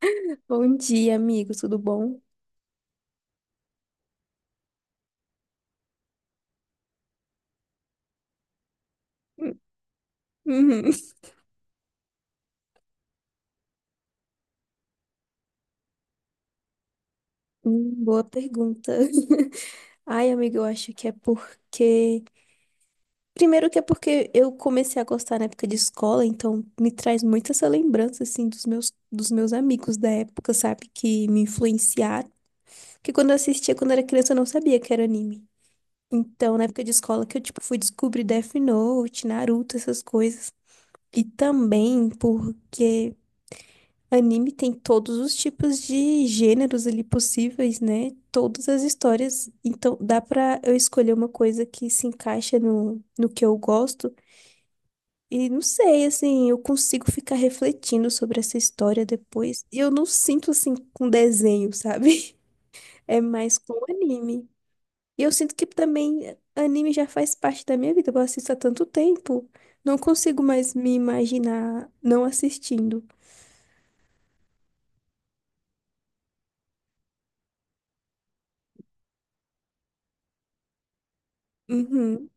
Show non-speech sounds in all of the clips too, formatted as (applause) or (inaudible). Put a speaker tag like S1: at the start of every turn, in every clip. S1: (laughs) Bom dia, amigo, tudo bom? Hum. Uhum. Boa pergunta. Ai, amigo, eu acho que é porque. Primeiro que é porque eu comecei a gostar na época de escola, então me traz muito essa lembrança, assim, dos meus amigos da época, sabe? Que me influenciaram. Que quando eu assistia, quando era criança, eu não sabia que era anime. Então, na época de escola que eu, tipo, fui descobrir Death Note, Naruto, essas coisas. E também porque. Anime tem todos os tipos de gêneros ali possíveis, né? Todas as histórias. Então, dá pra eu escolher uma coisa que se encaixa no que eu gosto. E não sei, assim, eu consigo ficar refletindo sobre essa história depois. E eu não sinto, assim, com desenho, sabe? (laughs) É mais com anime. E eu sinto que também anime já faz parte da minha vida. Eu assisto há tanto tempo. Não consigo mais me imaginar não assistindo. Uhum.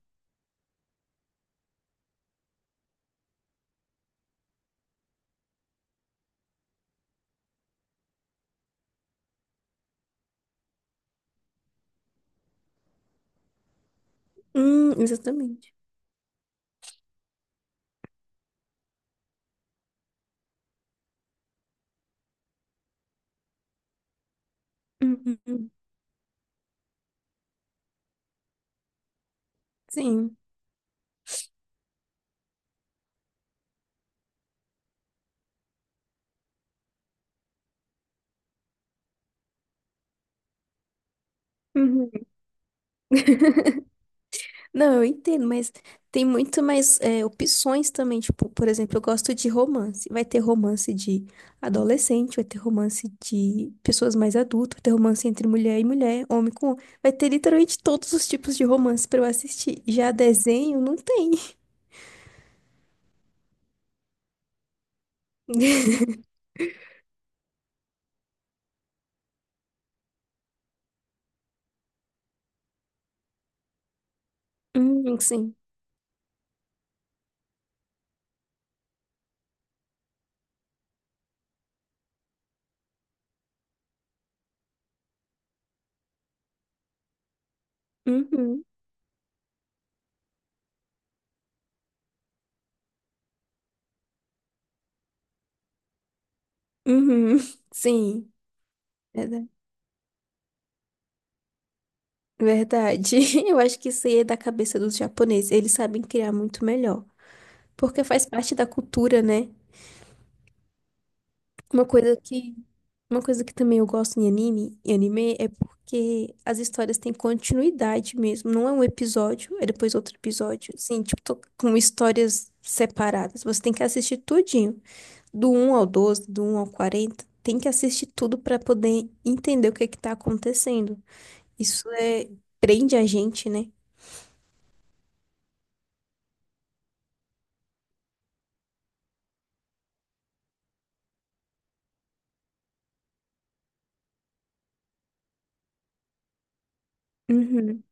S1: Exatamente. Uhum, sim. Uhum. (laughs) Não, eu entendo, mas tem muito mais opções também. Tipo, por exemplo, eu gosto de romance. Vai ter romance de adolescente, vai ter romance de pessoas mais adultas, vai ter romance entre mulher e mulher, homem com homem. Vai ter literalmente todos os tipos de romance pra eu assistir. Já desenho, não tem. Uhum, sim. Uhum, uhum, (laughs) sim. Verda- Verdade. (laughs) Eu acho que isso aí é da cabeça dos japoneses. Eles sabem criar muito melhor. Porque faz parte da cultura, né? Uma coisa que, uma coisa que também eu gosto em anime é porque as histórias têm continuidade mesmo. Não é um episódio, é depois outro episódio. Assim, tipo, tô com histórias separadas. Você tem que assistir tudinho. Do um ao 12, do um ao 40, tem que assistir tudo pra poder entender o que é que tá acontecendo. Isso prende a gente, né? Uhum.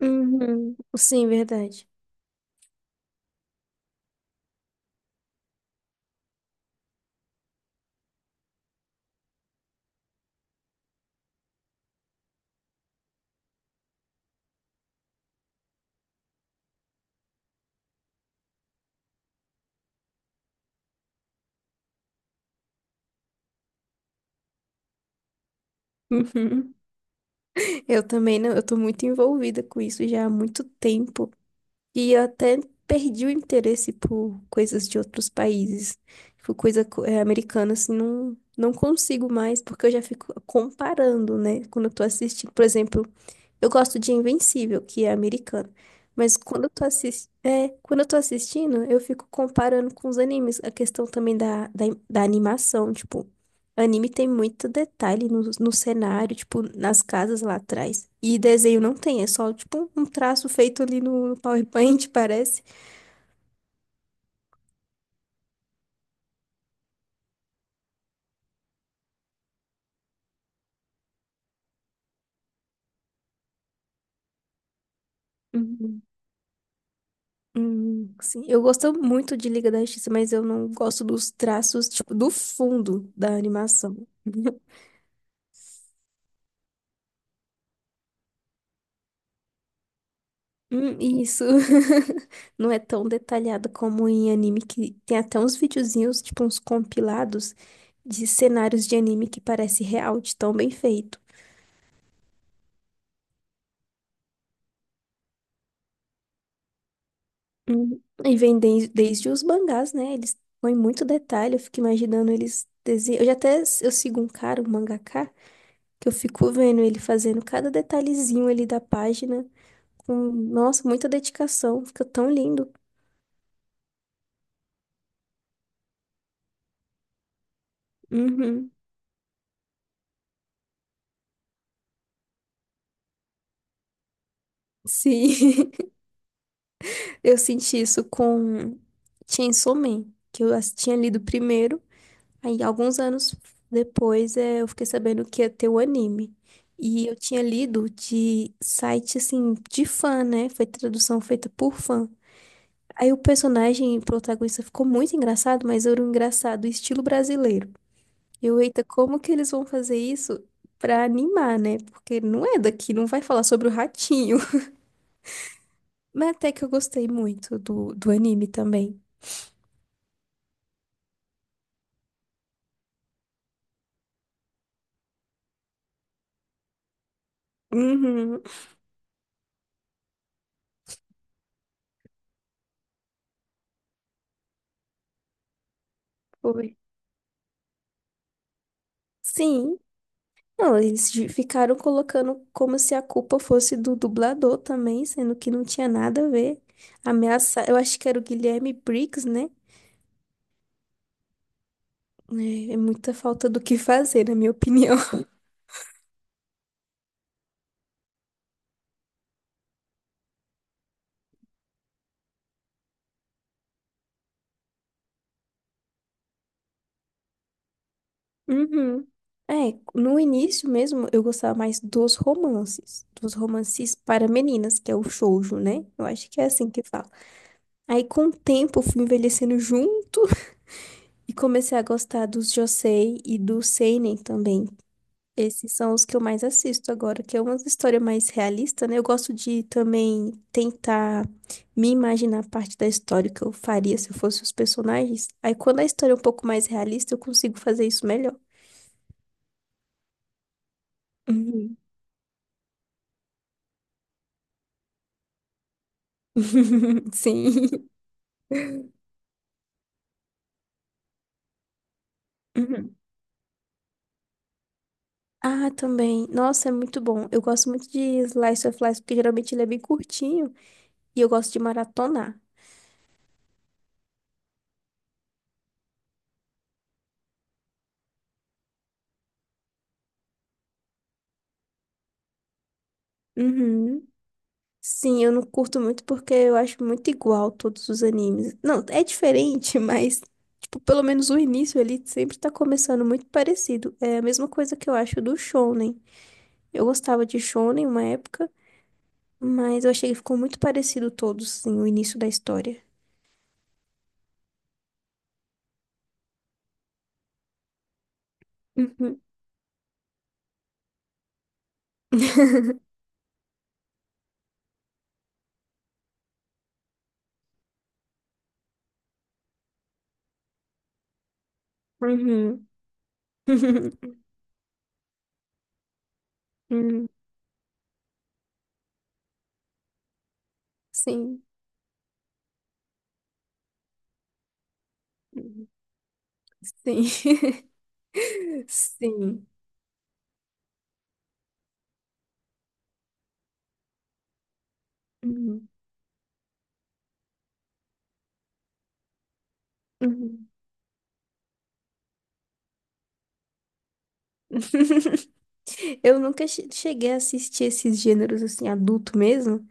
S1: Uhum. Sim, verdade. Uhum. Eu também não, eu tô muito envolvida com isso já há muito tempo. E eu até perdi o interesse por coisas de outros países. Tipo, coisa americana, assim, não consigo mais, porque eu já fico comparando, né? Quando eu tô assistindo, por exemplo. Eu gosto de Invencível, que é americano. Mas quando eu tô assistindo, eu fico comparando com os animes, a questão também da animação, tipo, anime tem muito detalhe no cenário, tipo, nas casas lá atrás. E desenho não tem, é só, tipo, um traço feito ali no PowerPoint, (laughs) parece. Uhum. Sim, eu gosto muito de Liga da Justiça, mas eu não gosto dos traços, tipo, do fundo da animação. (laughs) Isso. (laughs) Não é tão detalhado como em anime que tem até uns videozinhos, tipo uns compilados de cenários de anime que parece real, de tão bem feito. E vem desde os mangás, né? Eles põem muito detalhe, eu fico imaginando eles desenham. Eu já até eu sigo um cara, um mangaka, que eu fico vendo ele fazendo cada detalhezinho ali da página com, nossa, muita dedicação, fica tão lindo. Uhum. (laughs) Sim. Eu senti isso com Chainsaw Man, que eu tinha lido primeiro. Aí, alguns anos depois, eu fiquei sabendo que ia ter o anime. E eu tinha lido de site, assim, de fã, né? Foi tradução feita por fã. Aí o personagem protagonista ficou muito engraçado, mas era um engraçado estilo brasileiro. Eita, como que eles vão fazer isso pra animar, né? Porque não é daqui, não vai falar sobre o ratinho. (laughs) Mas até que eu gostei muito do anime também. Uhum. Foi. Sim. Não, eles ficaram colocando como se a culpa fosse do dublador também, sendo que não tinha nada a ver. Ameaça, eu acho que era o Guilherme Briggs, né? É muita falta do que fazer, na minha (laughs) opinião. Uhum. É, no início mesmo eu gostava mais dos romances, para meninas, que é o shoujo, né? Eu acho que é assim que fala. Aí com o tempo eu fui envelhecendo junto (laughs) e comecei a gostar dos josei e do seinen também. Esses são os que eu mais assisto agora, que é uma história mais realista, né? Eu gosto de também tentar me imaginar parte da história que eu faria se eu fosse os personagens. Aí quando a história é um pouco mais realista, eu consigo fazer isso melhor. Uhum. (laughs) Sim. Uhum. Ah, também. Nossa, é muito bom. Eu gosto muito de Slice of Life, porque geralmente ele é bem curtinho e eu gosto de maratonar. Uhum. Sim, eu não curto muito porque eu acho muito igual todos os animes. Não, é diferente, (laughs) mas, tipo, pelo menos o início ali sempre tá começando muito parecido. É a mesma coisa que eu acho do Shonen. Eu gostava de Shonen uma época, mas eu achei que ficou muito parecido todos, sim, o início da história. Uhum. (laughs) Uhum. (laughs) Uhum. Sim. Uhum. Sim. (laughs) Sim. Uhum. Uhum. (laughs) Eu nunca cheguei a assistir esses gêneros assim, adulto mesmo,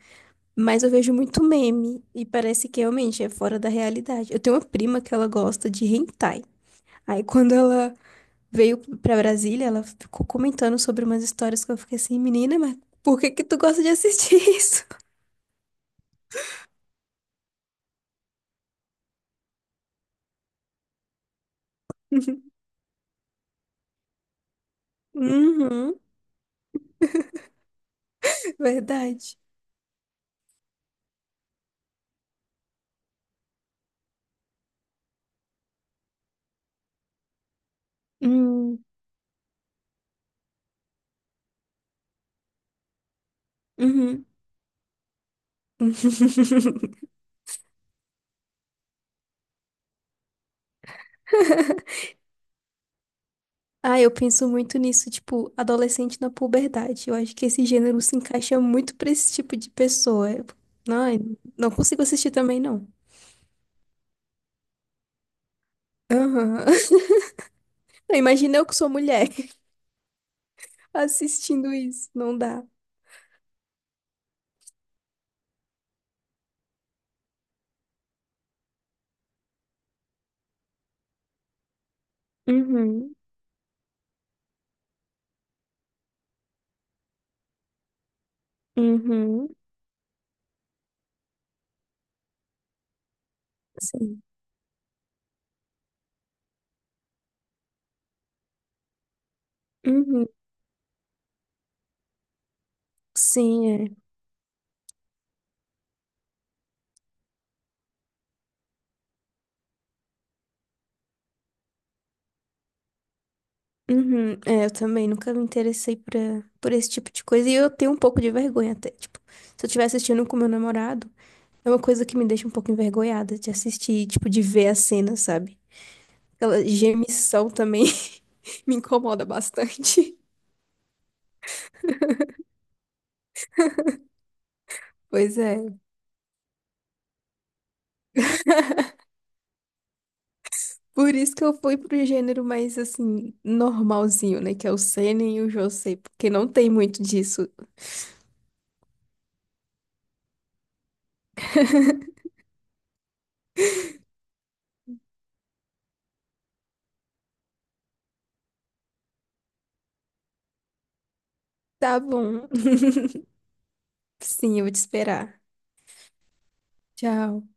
S1: mas eu vejo muito meme e parece que realmente é fora da realidade. Eu tenho uma prima que ela gosta de hentai. Aí quando ela veio pra Brasília, ela ficou comentando sobre umas histórias que eu fiquei assim, menina, mas por que que tu gosta de assistir isso? (laughs) Uhum, verdade. Hum, uhum. (laughs) Ah, eu penso muito nisso, tipo, adolescente na puberdade. Eu acho que esse gênero se encaixa muito pra esse tipo de pessoa. Não, não consigo assistir também, não. Aham. (laughs) Imagina eu que sou mulher (laughs) assistindo isso. Não dá. Uhum. Uhum. Sim. Uhum. Sim, é. Uhum. É, eu também nunca me interessei por esse tipo de coisa. E eu tenho um pouco de vergonha até. Tipo, se eu estiver assistindo com meu namorado, é uma coisa que me deixa um pouco envergonhada de assistir, tipo, de ver a cena, sabe? Aquela gemição também (laughs) me incomoda bastante. Pois é, por isso que eu fui pro gênero mais assim, normalzinho, né? Que é o seinen e o josei, porque não tem muito disso. Tá bom. (laughs) Sim, eu vou te esperar. Tchau.